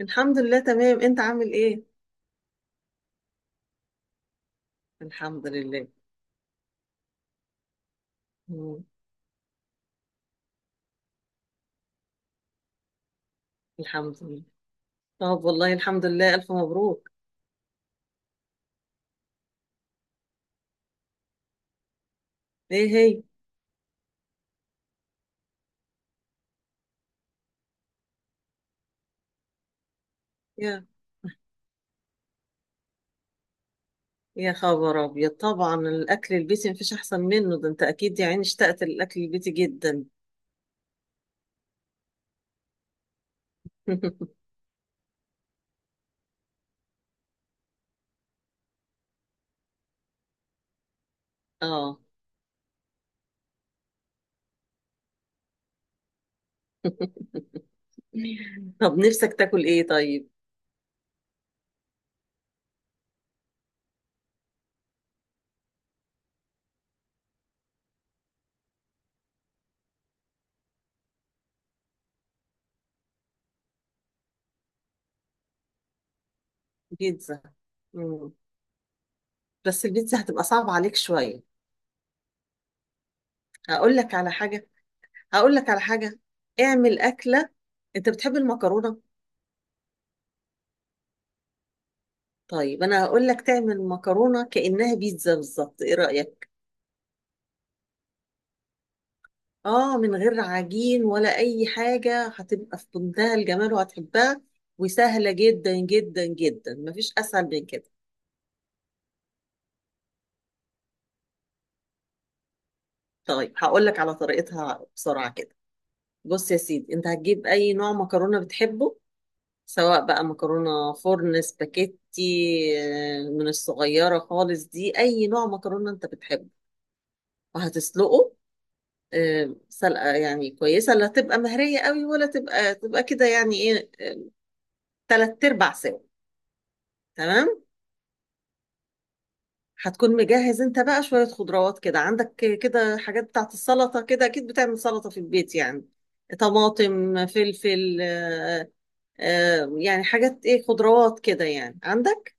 الحمد لله تمام. انت عامل ايه؟ الحمد لله. مم. الحمد لله. طب والله الحمد لله، الف مبروك. ايه هي؟ يا يا خبر ابيض، طبعا الاكل البيتي مفيش احسن منه، ده انت اكيد يا عيني اشتقت للاكل البيتي جدا. اه. طب نفسك تاكل ايه طيب؟ بيتزا. مم. بس البيتزا هتبقى صعبة عليك شوية. هقول لك على حاجة. هقول لك على حاجة. اعمل أكلة. انت بتحب المكرونة؟ طيب انا هقول لك تعمل مكرونه كانها بيتزا بالظبط، ايه رايك؟ اه، من غير عجين ولا اي حاجه، هتبقى في منتهى الجمال وهتحبها، وسهله جدا جدا جدا، مفيش اسهل من كده. طيب هقول لك على طريقتها بسرعه كده. بص يا سيدي، انت هتجيب اي نوع مكرونه بتحبه، سواء بقى مكرونه فرن، سباكيتي، من الصغيره خالص، دي اي نوع مكرونه انت بتحبه، وهتسلقه. سلقة يعني كويسة، لا تبقى مهرية قوي ولا تبقى كده يعني ايه، تلات ارباع سوا. تمام. هتكون مجهز انت بقى شوية خضروات كده عندك، كده حاجات بتاعت السلطة، كده اكيد بتعمل سلطة في البيت يعني، طماطم فلفل يعني حاجات ايه خضروات كده يعني عندك.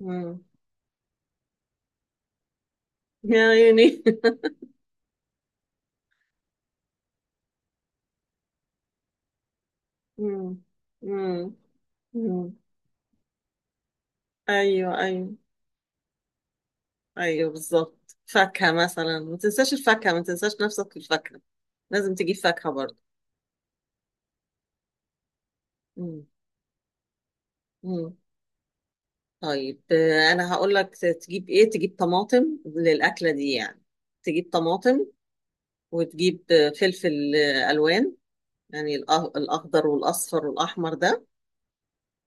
مم. يا عيني. مم. مم. مم. ايوه ايوه. ايوه بالظبط، فاكهة مثلا، ما تنساش الفاكهة، ما تنساش نفسك في الفاكهة، لازم تجيب فاكهة برضه. مم. مم. طيب انا هقول لك تجيب ايه، تجيب طماطم للأكلة دي يعني، تجيب طماطم، وتجيب فلفل ألوان، يعني الأخضر والأصفر والأحمر ده،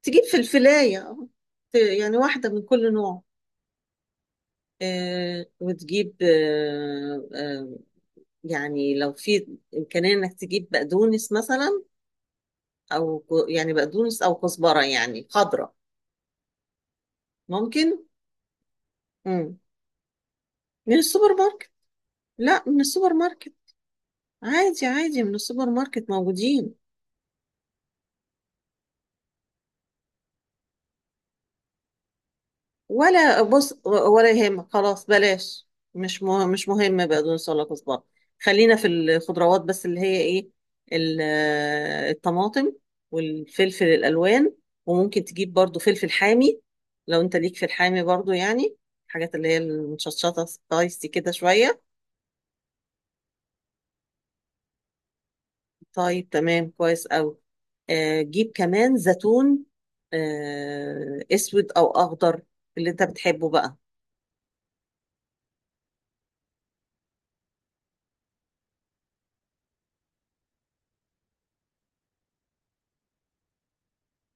تجيب فلفلاية يعني واحدة من كل نوع. آه، وتجيب آه، آه، يعني لو في إمكانية إنك تجيب بقدونس مثلا، او يعني بقدونس او كزبره يعني خضراء. ممكن. مم. من السوبر ماركت. لا من السوبر ماركت، عادي عادي، من السوبر ماركت موجودين. ولا بص، ولا يهمك، خلاص بلاش، مش مش مهم بقدونس ولا كزبره. خلينا في الخضروات بس اللي هي ايه، ال- الطماطم والفلفل الالوان. وممكن تجيب برضو فلفل حامي، لو انت ليك في الحامي برضو يعني، الحاجات اللي هي المشطشطه سبايسي كده شويه. طيب تمام، كويس أوي. جيب كمان زيتون، اسود او اخضر، اللي انت بتحبه بقى.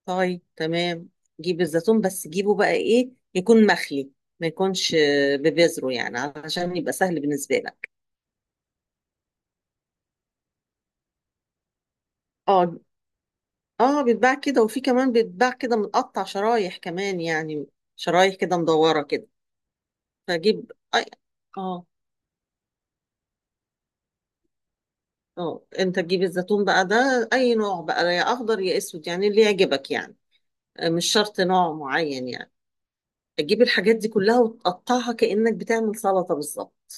طيب تمام. جيب الزيتون، بس جيبه بقى ايه يكون مخلي، ما يكونش ببذره، يعني علشان يبقى سهل بالنسبة لك. اه. اه بيتباع كده، وفي كمان بيتباع كده متقطع شرايح كمان يعني، شرايح كده مدورة كده. فجيب أي... اه. اه، انت تجيب الزيتون بقى ده اي نوع بقى، يا اخضر يا اسود، يعني اللي يعجبك يعني، مش شرط نوع معين يعني. تجيب الحاجات دي كلها وتقطعها كأنك بتعمل سلطة بالظبط.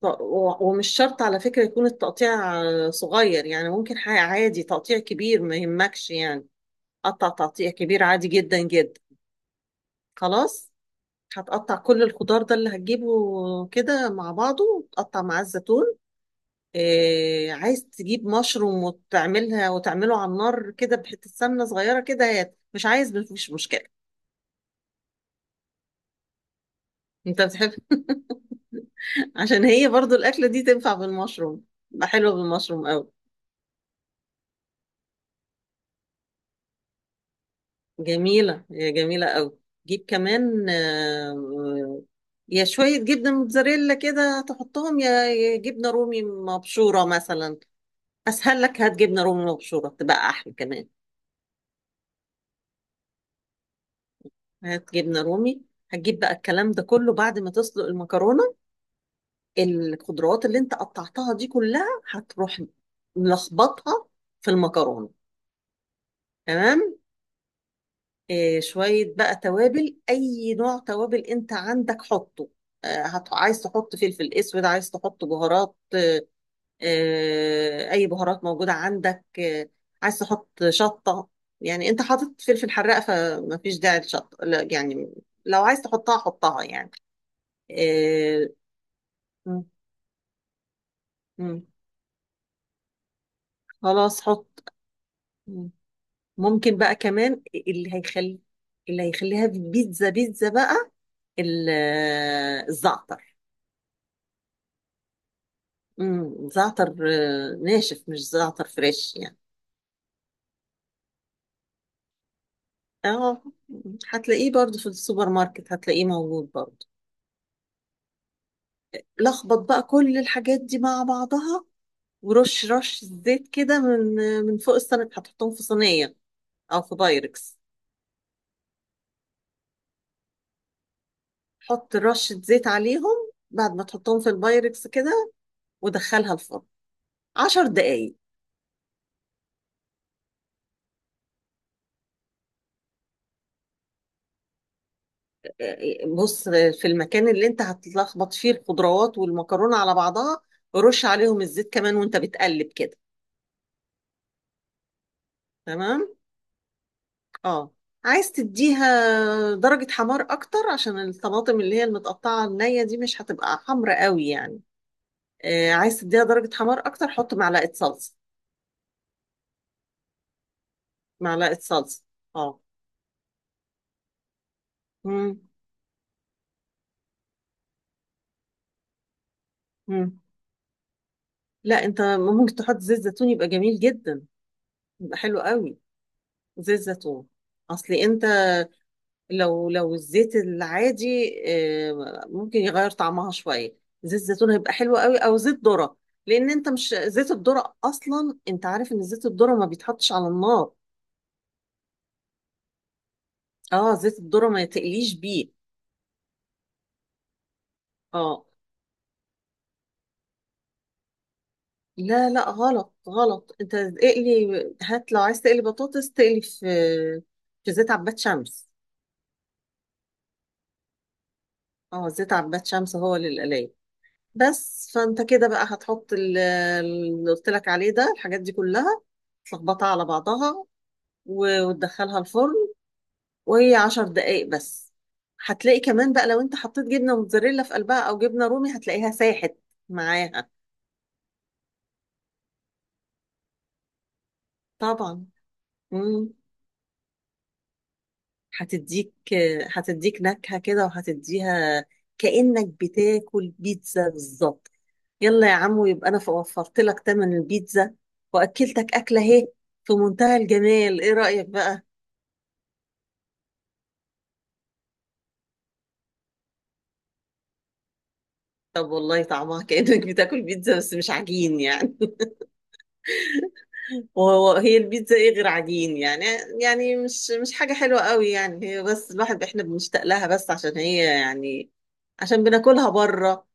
ومش شرط على فكرة يكون التقطيع صغير يعني، ممكن حاجة عادي تقطيع كبير ما يهمكش يعني، قطع تقطيع كبير عادي جدا جدا. خلاص، هتقطع كل الخضار ده اللي هتجيبه كده مع بعضه، وتقطع معاه الزيتون. إيه، عايز تجيب مشروم وتعملها، وتعمله على النار كده بحتة سمنة صغيرة كده، هات. مش عايز مفيش مشكلة. انت بتحب؟ عشان هي برضو الأكلة دي تنفع بالمشروم، تبقى حلوة بالمشروم أوي. جميلة، هي جميلة أوي. جيب كمان يا شوية جبنة موتزاريلا كده تحطهم، يا جبنة رومي مبشورة مثلا، أسهل لك. هات جبنة رومي مبشورة تبقى أحلى كمان. هات جبنة رومي. هتجيب بقى الكلام ده كله بعد ما تسلق المكرونة، الخضروات اللي انت قطعتها دي كلها، هتروح ملخبطها في المكرونة. تمام. شوية بقى توابل، أي نوع توابل أنت عندك حطه، عايز تحط فلفل أسود، عايز تحط بهارات، أي بهارات موجودة عندك. عايز تحط شطة، يعني أنت حاطط فلفل حراق فما فيش داعي للشطة لا يعني، لو عايز تحطها حطها يعني. آه، م- م. خلاص حط. م. ممكن بقى كمان، اللي هيخلي، اللي هيخليها بيتزا بيتزا بقى الزعتر. مم، زعتر ناشف، مش زعتر فريش يعني. اه، هتلاقيه برضو في السوبر ماركت، هتلاقيه موجود برضو. لخبط بقى كل الحاجات دي مع بعضها، ورش رش زيت كده من من فوق السمك. هتحطهم في صينية او في بايركس، حط رشة زيت عليهم بعد ما تحطهم في البايركس كده، ودخلها الفرن 10 دقايق. بص، في المكان اللي انت هتلخبط فيه الخضروات والمكرونة على بعضها، رش عليهم الزيت كمان وانت بتقلب كده. تمام. اه، عايز تديها درجة حمار اكتر، عشان الطماطم اللي هي المتقطعة النية دي مش هتبقى حمرا قوي يعني. آه، عايز تديها درجة حمار اكتر، حط معلقة صلصة. معلقة صلصة. اه. مم. مم. لا، انت ممكن تحط زيت زيتون يبقى جميل جدا، يبقى حلو قوي. زيت زيتون. اصلي انت، لو الزيت العادي ممكن يغير طعمها شويه، زيت زيتون هيبقى حلو قوي، او زيت ذره. لان انت مش زيت الذره، اصلا انت عارف ان زيت الذره ما بيتحطش على النار. اه، زيت الذره ما تقليش بيه. اه، لا لا غلط غلط، انت اقلي، هات، لو عايز تقلي بطاطس تقلي في في زيت عباد شمس. اه زيت عباد شمس هو للقلايه. بس فانت كده بقى هتحط اللي قلت لك عليه ده الحاجات دي كلها، تلخبطها على بعضها، وتدخلها الفرن، وهي 10 دقايق بس. هتلاقي كمان بقى لو انت حطيت جبنة موتزاريلا في قلبها او جبنة رومي، هتلاقيها ساحت معاها. طبعا. مم. هتديك هتديك نكهة كده، وهتديها كأنك بتاكل بيتزا بالظبط. يلا يا عمو، يبقى انا وفرت لك تمن البيتزا، واكلتك اكلة اهي في منتهى الجمال، ايه رأيك بقى؟ طب والله، طعمها كأنك بتاكل بيتزا بس مش عجين يعني. وهو هي البيتزا ايه غير عجين يعني، يعني مش حاجة حلوة قوي يعني هي، بس الواحد احنا بنشتاق لها بس عشان هي يعني، عشان بناكلها بره،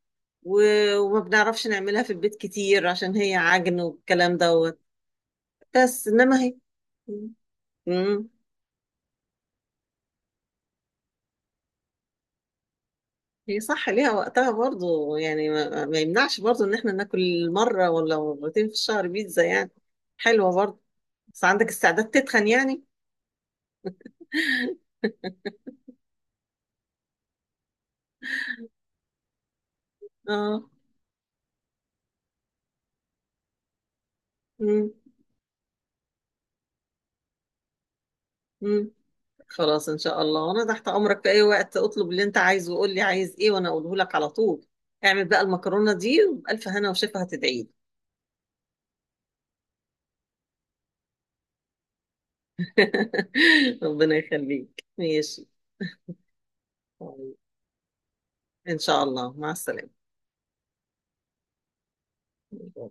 وما بنعرفش نعملها في البيت كتير عشان هي عجن والكلام دوت. بس انما هي. امم هي صح ليها وقتها برضو يعني، ما يمنعش برضو ان احنا ناكل مرة ولا مرتين في الشهر بيتزا يعني، حلوة برضو. بس عندك استعداد تتخن يعني. اه. مم. خلاص ان شاء الله، وانا تحت امرك في اي وقت، اطلب اللي انت عايزه وقول لي عايز ايه وانا اقوله لك على طول. اعمل بقى المكرونه دي بالف هنا وشفا هتدعي لي. ربنا يخليك ماشي. طيب. ان شاء الله، مع السلامه.